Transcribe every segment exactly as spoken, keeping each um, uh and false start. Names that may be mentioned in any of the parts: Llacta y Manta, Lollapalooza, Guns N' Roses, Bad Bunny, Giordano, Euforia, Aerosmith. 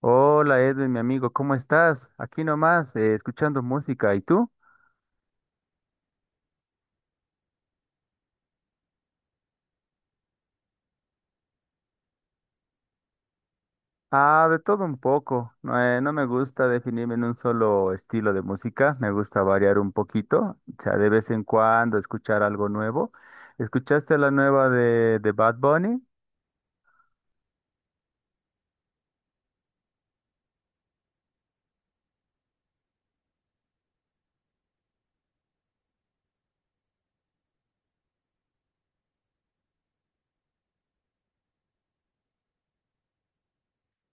Hola Edwin, mi amigo, ¿cómo estás? Aquí nomás, eh, escuchando música. ¿Y tú? Ah, de todo un poco. No, eh, no me gusta definirme en un solo estilo de música. Me gusta variar un poquito. O sea, de vez en cuando escuchar algo nuevo. ¿Escuchaste la nueva de, de Bad Bunny?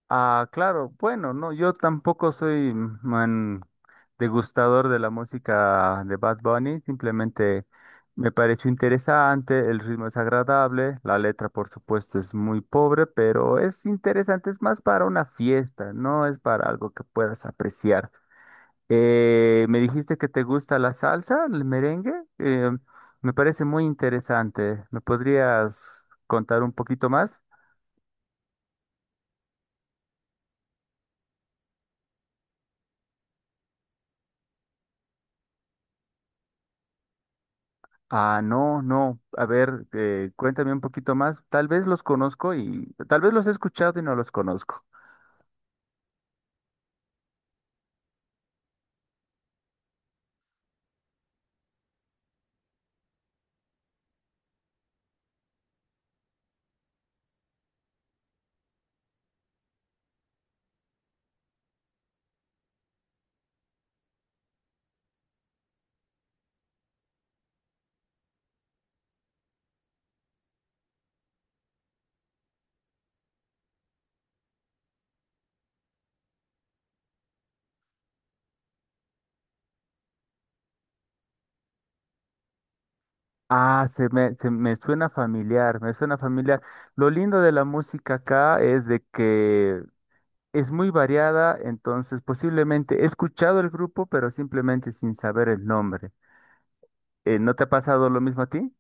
Ah, claro, bueno, no, yo tampoco soy man degustador de la música de Bad Bunny, simplemente me pareció interesante, el ritmo es agradable, la letra por supuesto es muy pobre, pero es interesante, es más para una fiesta, no es para algo que puedas apreciar. Eh, me dijiste que te gusta la salsa, el merengue, eh, me parece muy interesante, ¿me podrías contar un poquito más? Ah, no, no. A ver, eh, cuéntame un poquito más. Tal vez los conozco y tal vez los he escuchado y no los conozco. Ah, se me, se me suena familiar, me suena familiar. Lo lindo de la música acá es de que es muy variada, entonces posiblemente he escuchado el grupo, pero simplemente sin saber el nombre. Eh, ¿no te ha pasado lo mismo a ti?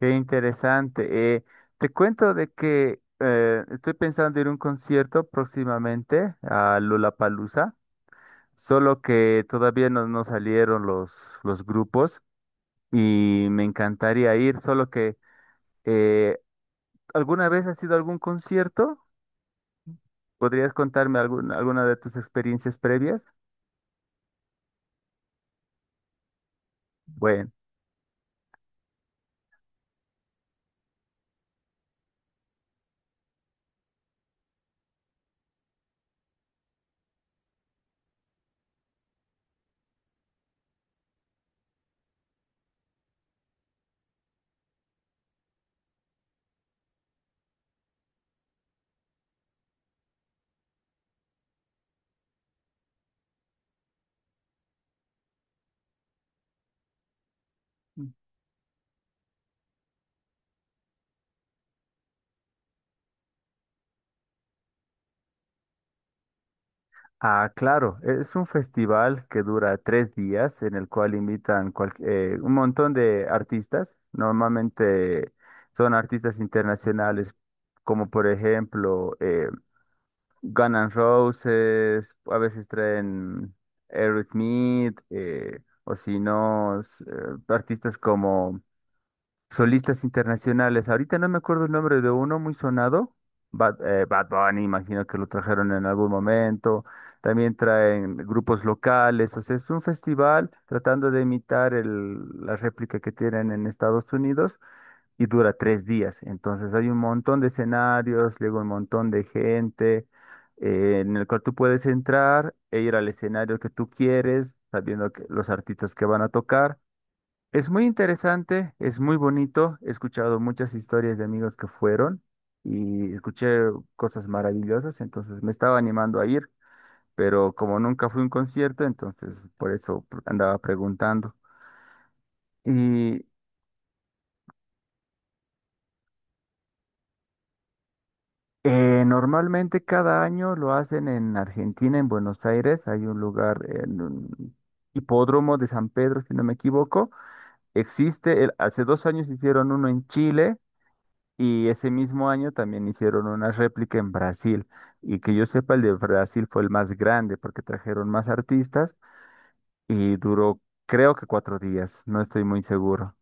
Qué interesante. Eh, te cuento de que eh, estoy pensando ir a un concierto próximamente a Lollapalooza, solo que todavía no, no salieron los, los grupos y me encantaría ir, solo que eh, ¿alguna vez has ido a algún concierto? ¿Podrías contarme alguna, alguna de tus experiencias previas? Bueno. Ah, claro, es un festival que dura tres días en el cual invitan cual- eh, un montón de artistas. Normalmente son artistas internacionales como por ejemplo eh, Guns N' Roses, a veces traen Aerosmith, eh, o si no, s- eh, artistas como solistas internacionales. Ahorita no me acuerdo el nombre de uno muy sonado. Bad, eh, Bad Bunny, imagino que lo trajeron en algún momento. También traen grupos locales. O sea, es un festival tratando de imitar el- la réplica que tienen en Estados Unidos y dura tres días. Entonces hay un montón de escenarios, luego un montón de gente, eh, en el cual tú puedes entrar e ir al escenario que tú quieres, sabiendo que los artistas que van a tocar es muy interesante, es muy bonito. He escuchado muchas historias de amigos que fueron y escuché cosas maravillosas, entonces me estaba animando a ir, pero como nunca fui a un concierto, entonces por eso pr- andaba preguntando. Y eh, normalmente cada año lo hacen en Argentina, en Buenos Aires. Hay un lugar en un hipódromo de San Pedro, si no me equivoco. Existe, el- hace dos años hicieron uno en Chile. Y ese mismo año también hicieron una réplica en Brasil. Y que yo sepa, el de Brasil fue el más grande porque trajeron más artistas y duró, creo que cuatro días, no estoy muy seguro.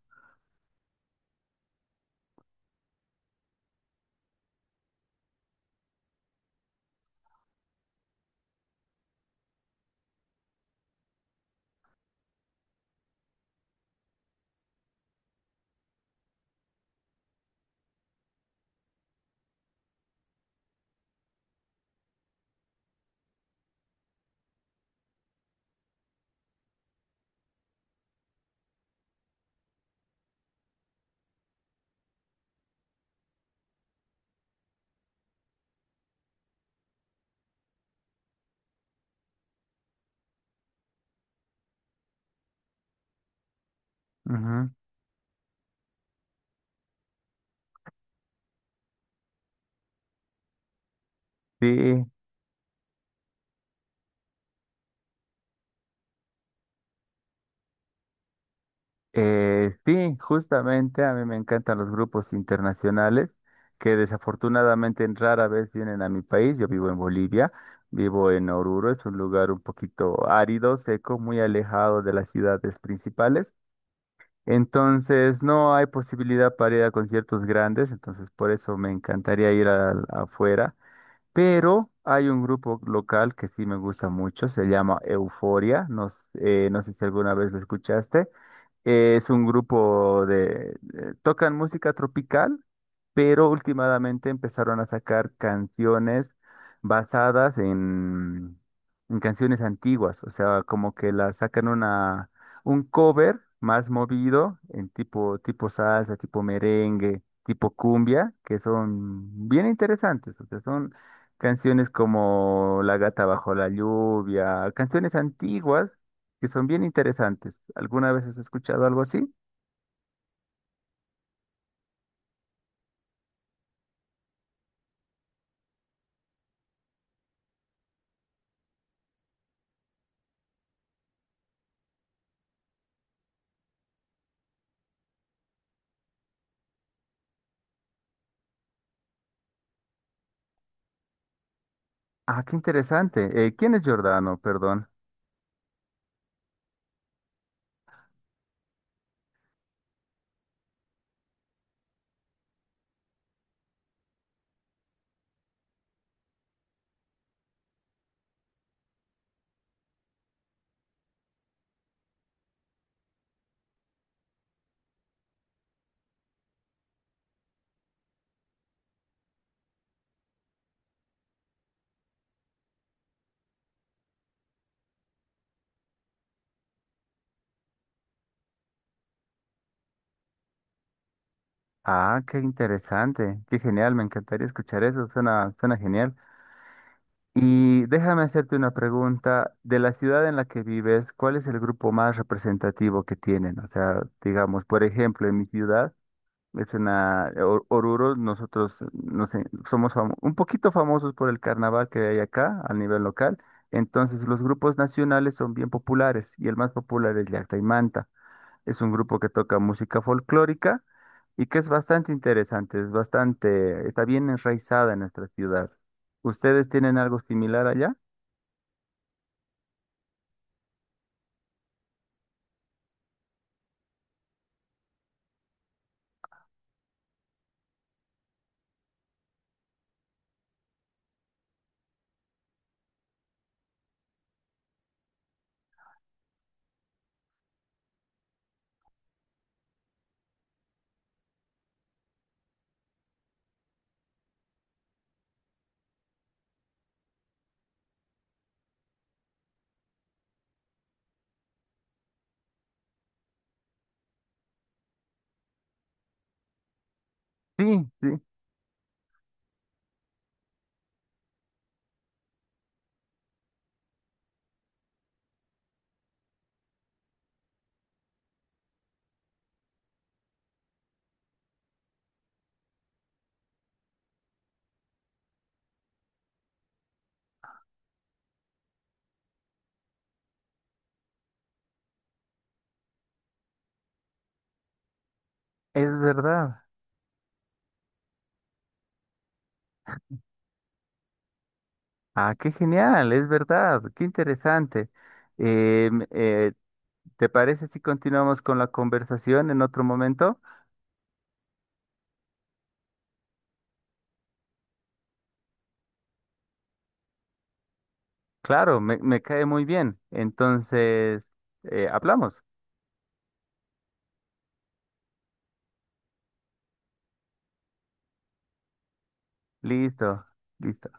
Ujú. Sí, eh, sí, justamente a mí me encantan los grupos internacionales que desafortunadamente rara vez vienen a mi país. Yo vivo en Bolivia, vivo en Oruro, es un lugar un poquito árido, seco, muy alejado de las ciudades principales. Entonces, no hay posibilidad para ir a conciertos grandes, entonces por eso me encantaría ir al- afuera. Pero hay un grupo local que sí me gusta mucho, se llama Euforia, no, s- eh, no sé si alguna vez lo escuchaste. Eh, es un grupo de... eh, tocan música tropical, pero últimamente empezaron a sacar canciones basadas en, en canciones antiguas, o sea, como que las sacan una, un cover más movido, en tipo, tipo salsa, tipo merengue, tipo cumbia, que son bien interesantes, o sea, son... Canciones como La gata bajo la lluvia, canciones antiguas que son bien interesantes. ¿Alguna vez has escuchado algo así? Ah, qué interesante. Eh, ¿quién es Giordano? Perdón. Ah, qué interesante. Qué genial. Me encantaría escuchar eso. Suena, suena genial. Y déjame hacerte una pregunta. De la ciudad en la que vives, ¿cuál es el grupo más representativo que tienen? O sea, digamos, por ejemplo, en mi ciudad. Es una, Or- Oruro, nosotros no sé, somos famo- un poquito famosos por el carnaval que hay acá a nivel local. Entonces, los grupos nacionales son bien populares y el más popular es Llacta y Manta. Es un grupo que toca música folclórica y que es bastante interesante, es bastante, está bien enraizada en nuestra ciudad. ¿Ustedes tienen algo similar allá? Sí, sí, es verdad. Ah, qué genial, es verdad, qué interesante. Em, Eh, ¿Te parece si continuamos con la conversación en otro momento? Claro, me, me cae muy bien. Entonces, eh, hablamos. Listo, listo.